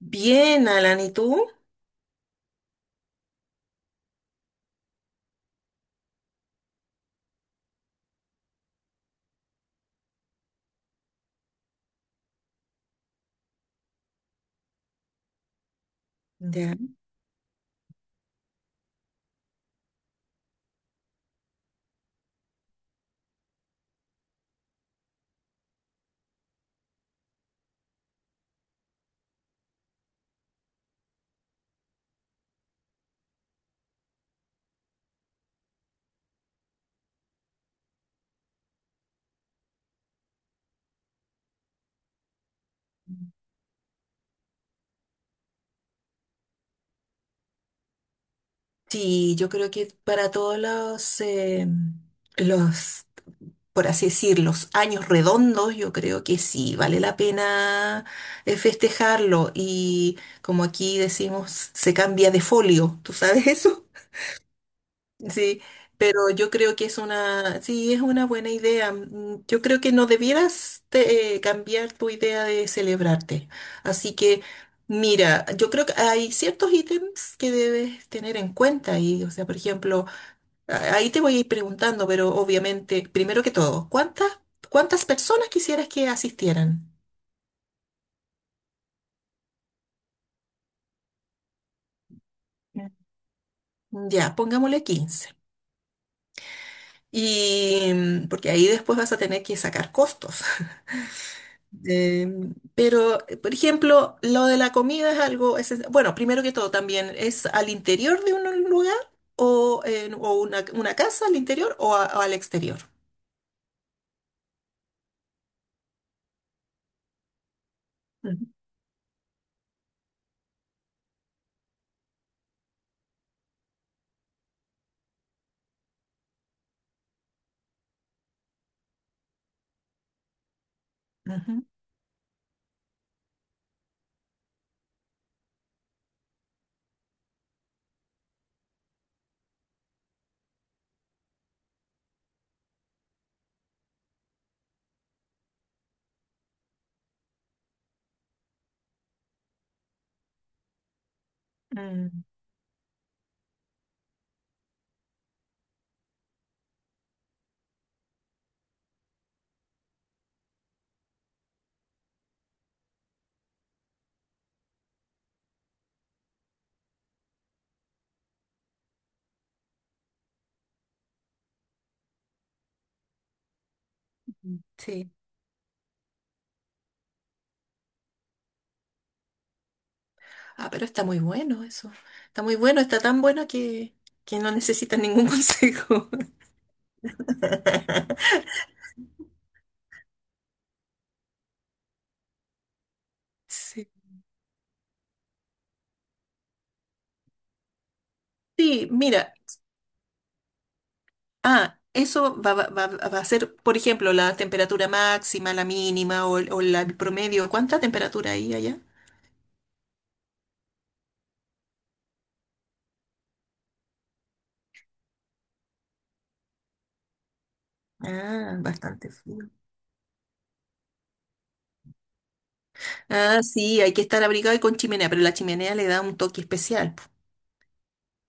Bien, Alan, ¿y tú? Ya. Sí, yo creo que para todos los, los, por así decir, los años redondos, yo creo que sí, vale la pena festejarlo. Y como aquí decimos, se cambia de folio, ¿tú sabes eso? Sí, pero yo creo que es una, sí, es una buena idea. Yo creo que no debieras cambiar tu idea de celebrarte. Así que, mira, yo creo que hay ciertos ítems que debes tener en cuenta y, o sea, por ejemplo, ahí te voy a ir preguntando, pero obviamente, primero que todo, ¿cuántas personas quisieras que asistieran? Ya, pongámosle 15. Y porque ahí después vas a tener que sacar costos. Pero, por ejemplo, lo de la comida es algo esencial. Bueno, primero que todo, también es al interior de un lugar o una casa al interior o, o al exterior. Ujú, ujú, mm, sí. Ah, pero está muy bueno eso. Está muy bueno, está tan bueno que no necesitas ningún consejo. Sí. Sí, mira, ah, eso va, va a ser, por ejemplo, la temperatura máxima, la mínima o el promedio. ¿Cuánta temperatura hay allá? Ah, bastante frío. Ah, sí, hay que estar abrigado y con chimenea, pero la chimenea le da un toque especial. Po.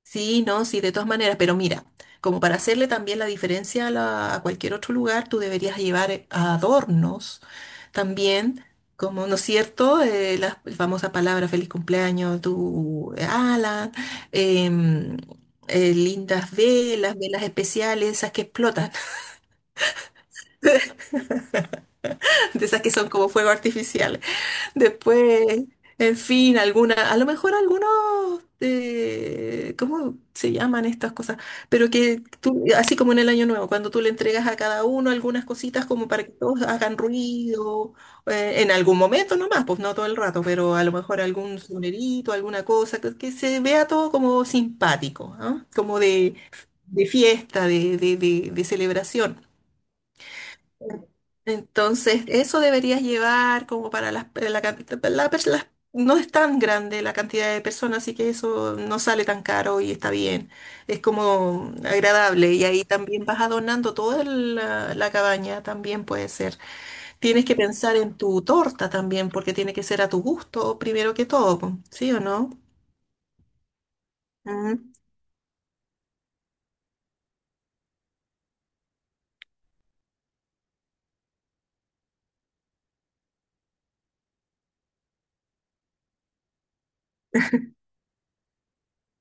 Sí, no, sí, de todas maneras, pero mira, como para hacerle también la diferencia a, a cualquier otro lugar, tú deberías llevar adornos también, como, ¿no es cierto? La famosa palabra feliz cumpleaños, tu ala, em, lindas velas, velas especiales, esas que explotan, de esas que son como fuego artificial. Después, en fin, alguna, a lo mejor algunos, ¿cómo se llaman estas cosas? Pero que tú, así como en el Año Nuevo, cuando tú le entregas a cada uno algunas cositas como para que todos hagan ruido, en algún momento nomás, pues no todo el rato, pero a lo mejor algún sonerito, alguna cosa, que se vea todo como simpático, ¿ah? Como de fiesta, de celebración. Entonces, eso deberías llevar como para las, pe- la, can- la pers- las- no es tan grande la cantidad de personas, así que eso no sale tan caro y está bien. Es como agradable y ahí también vas adornando toda la, la cabaña, también puede ser. Tienes que pensar en tu torta también, porque tiene que ser a tu gusto primero que todo, po, ¿sí o no? Mm.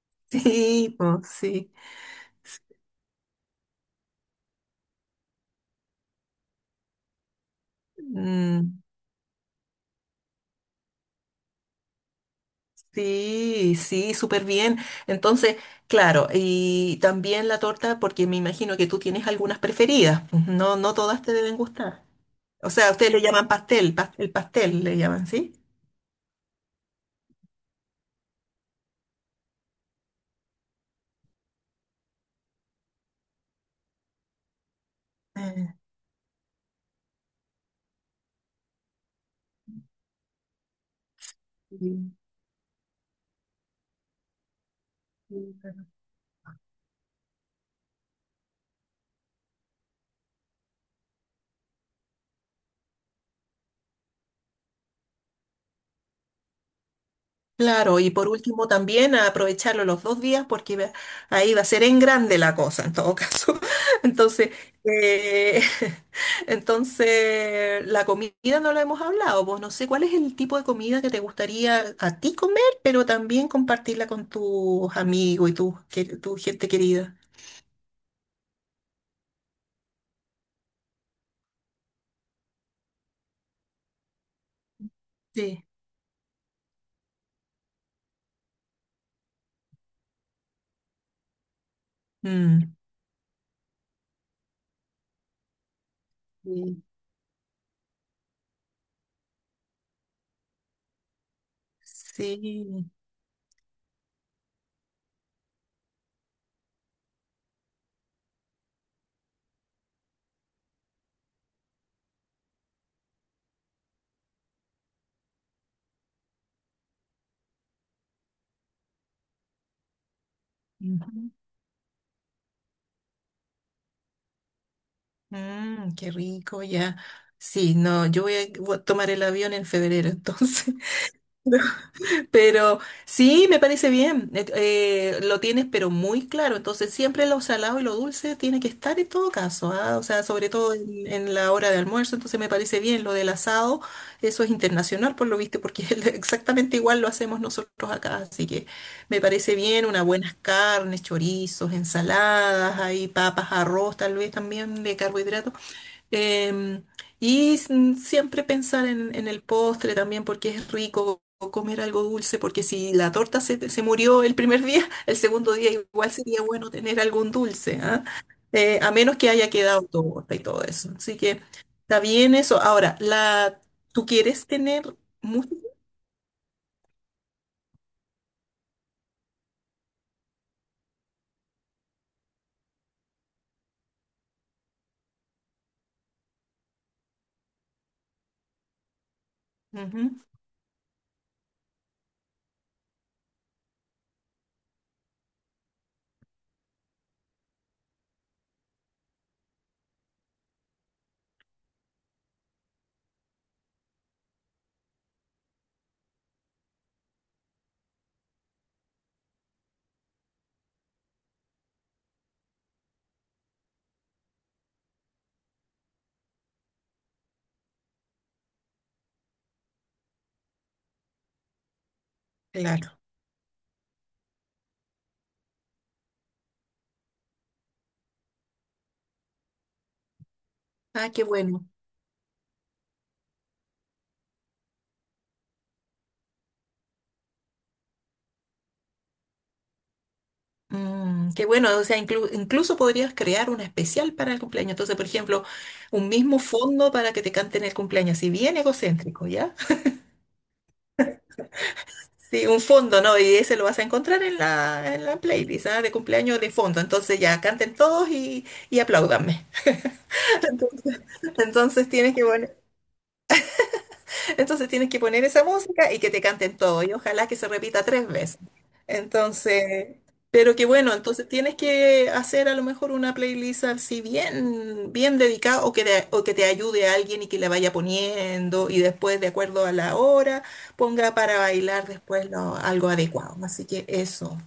Sí, pues sí. Mm. Sí, sí, súper bien. Entonces, claro, y también la torta, porque me imagino que tú tienes algunas preferidas. Pues, no, no todas te deben gustar. O sea, ustedes le llaman pastel, el pastel le llaman, ¿sí? Eh, sí. Sí. Claro, y por último también a aprovecharlo los dos días porque ahí va a ser en grande la cosa en todo caso. Entonces, eh, entonces la comida no la hemos hablado, pues no sé cuál es el tipo de comida que te gustaría a ti comer, pero también compartirla con tus amigos y tu gente querida. Sí. Mm. Sí. Sí. Ujú. Mm, qué rico, ya. Sí, no, yo voy a tomar el avión en febrero, entonces. Pero sí, me parece bien. Lo tienes, pero muy claro. Entonces, siempre lo salado y lo dulce tiene que estar en todo caso, ¿ah? O sea, sobre todo en la hora de almuerzo. Entonces, me parece bien lo del asado. Eso es internacional, por lo visto, porque es exactamente igual lo hacemos nosotros acá. Así que me parece bien unas buenas carnes, chorizos, ensaladas, ahí papas, arroz, tal vez también de carbohidratos. Em, y siempre pensar en el postre también porque es rico comer algo dulce, porque si la torta se murió el primer día, el segundo día igual sería bueno tener algún dulce, ¿ah? A menos que haya quedado torta y todo eso. Así que está bien eso. Ahora, la, ¿tú quieres tener mucho? Ujú, claro. Ah, qué bueno. Mm, qué bueno, o sea, incluso podrías crear una especial para el cumpleaños. Entonces, por ejemplo, un mismo fondo para que te canten el cumpleaños, si bien egocéntrico, ¿ya? Sí, un fondo, ¿no? Y ese lo vas a encontrar en la playlist, ¿ah? De cumpleaños de fondo. Entonces ya canten todos y apláudanme. Entonces, entonces tienes que poner entonces tienes que poner esa música y que te canten todo, y ojalá que se repita 3 veces. Entonces, pero que bueno, entonces tienes que hacer a lo mejor una playlist así bien, bien dedicada o o que te ayude a alguien y que la vaya poniendo y después, de acuerdo a la hora, ponga para bailar después algo adecuado. Así que eso,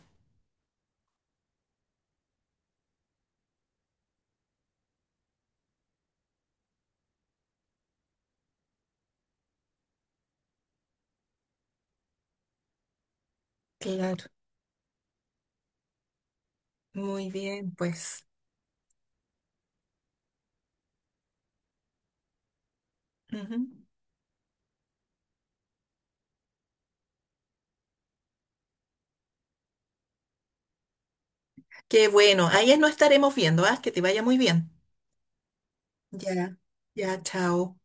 claro, muy bien, pues. Ujú. Qué bueno, ahí nos estaremos viendo, ¿ah? Que te vaya muy bien. Ya, ya, chao.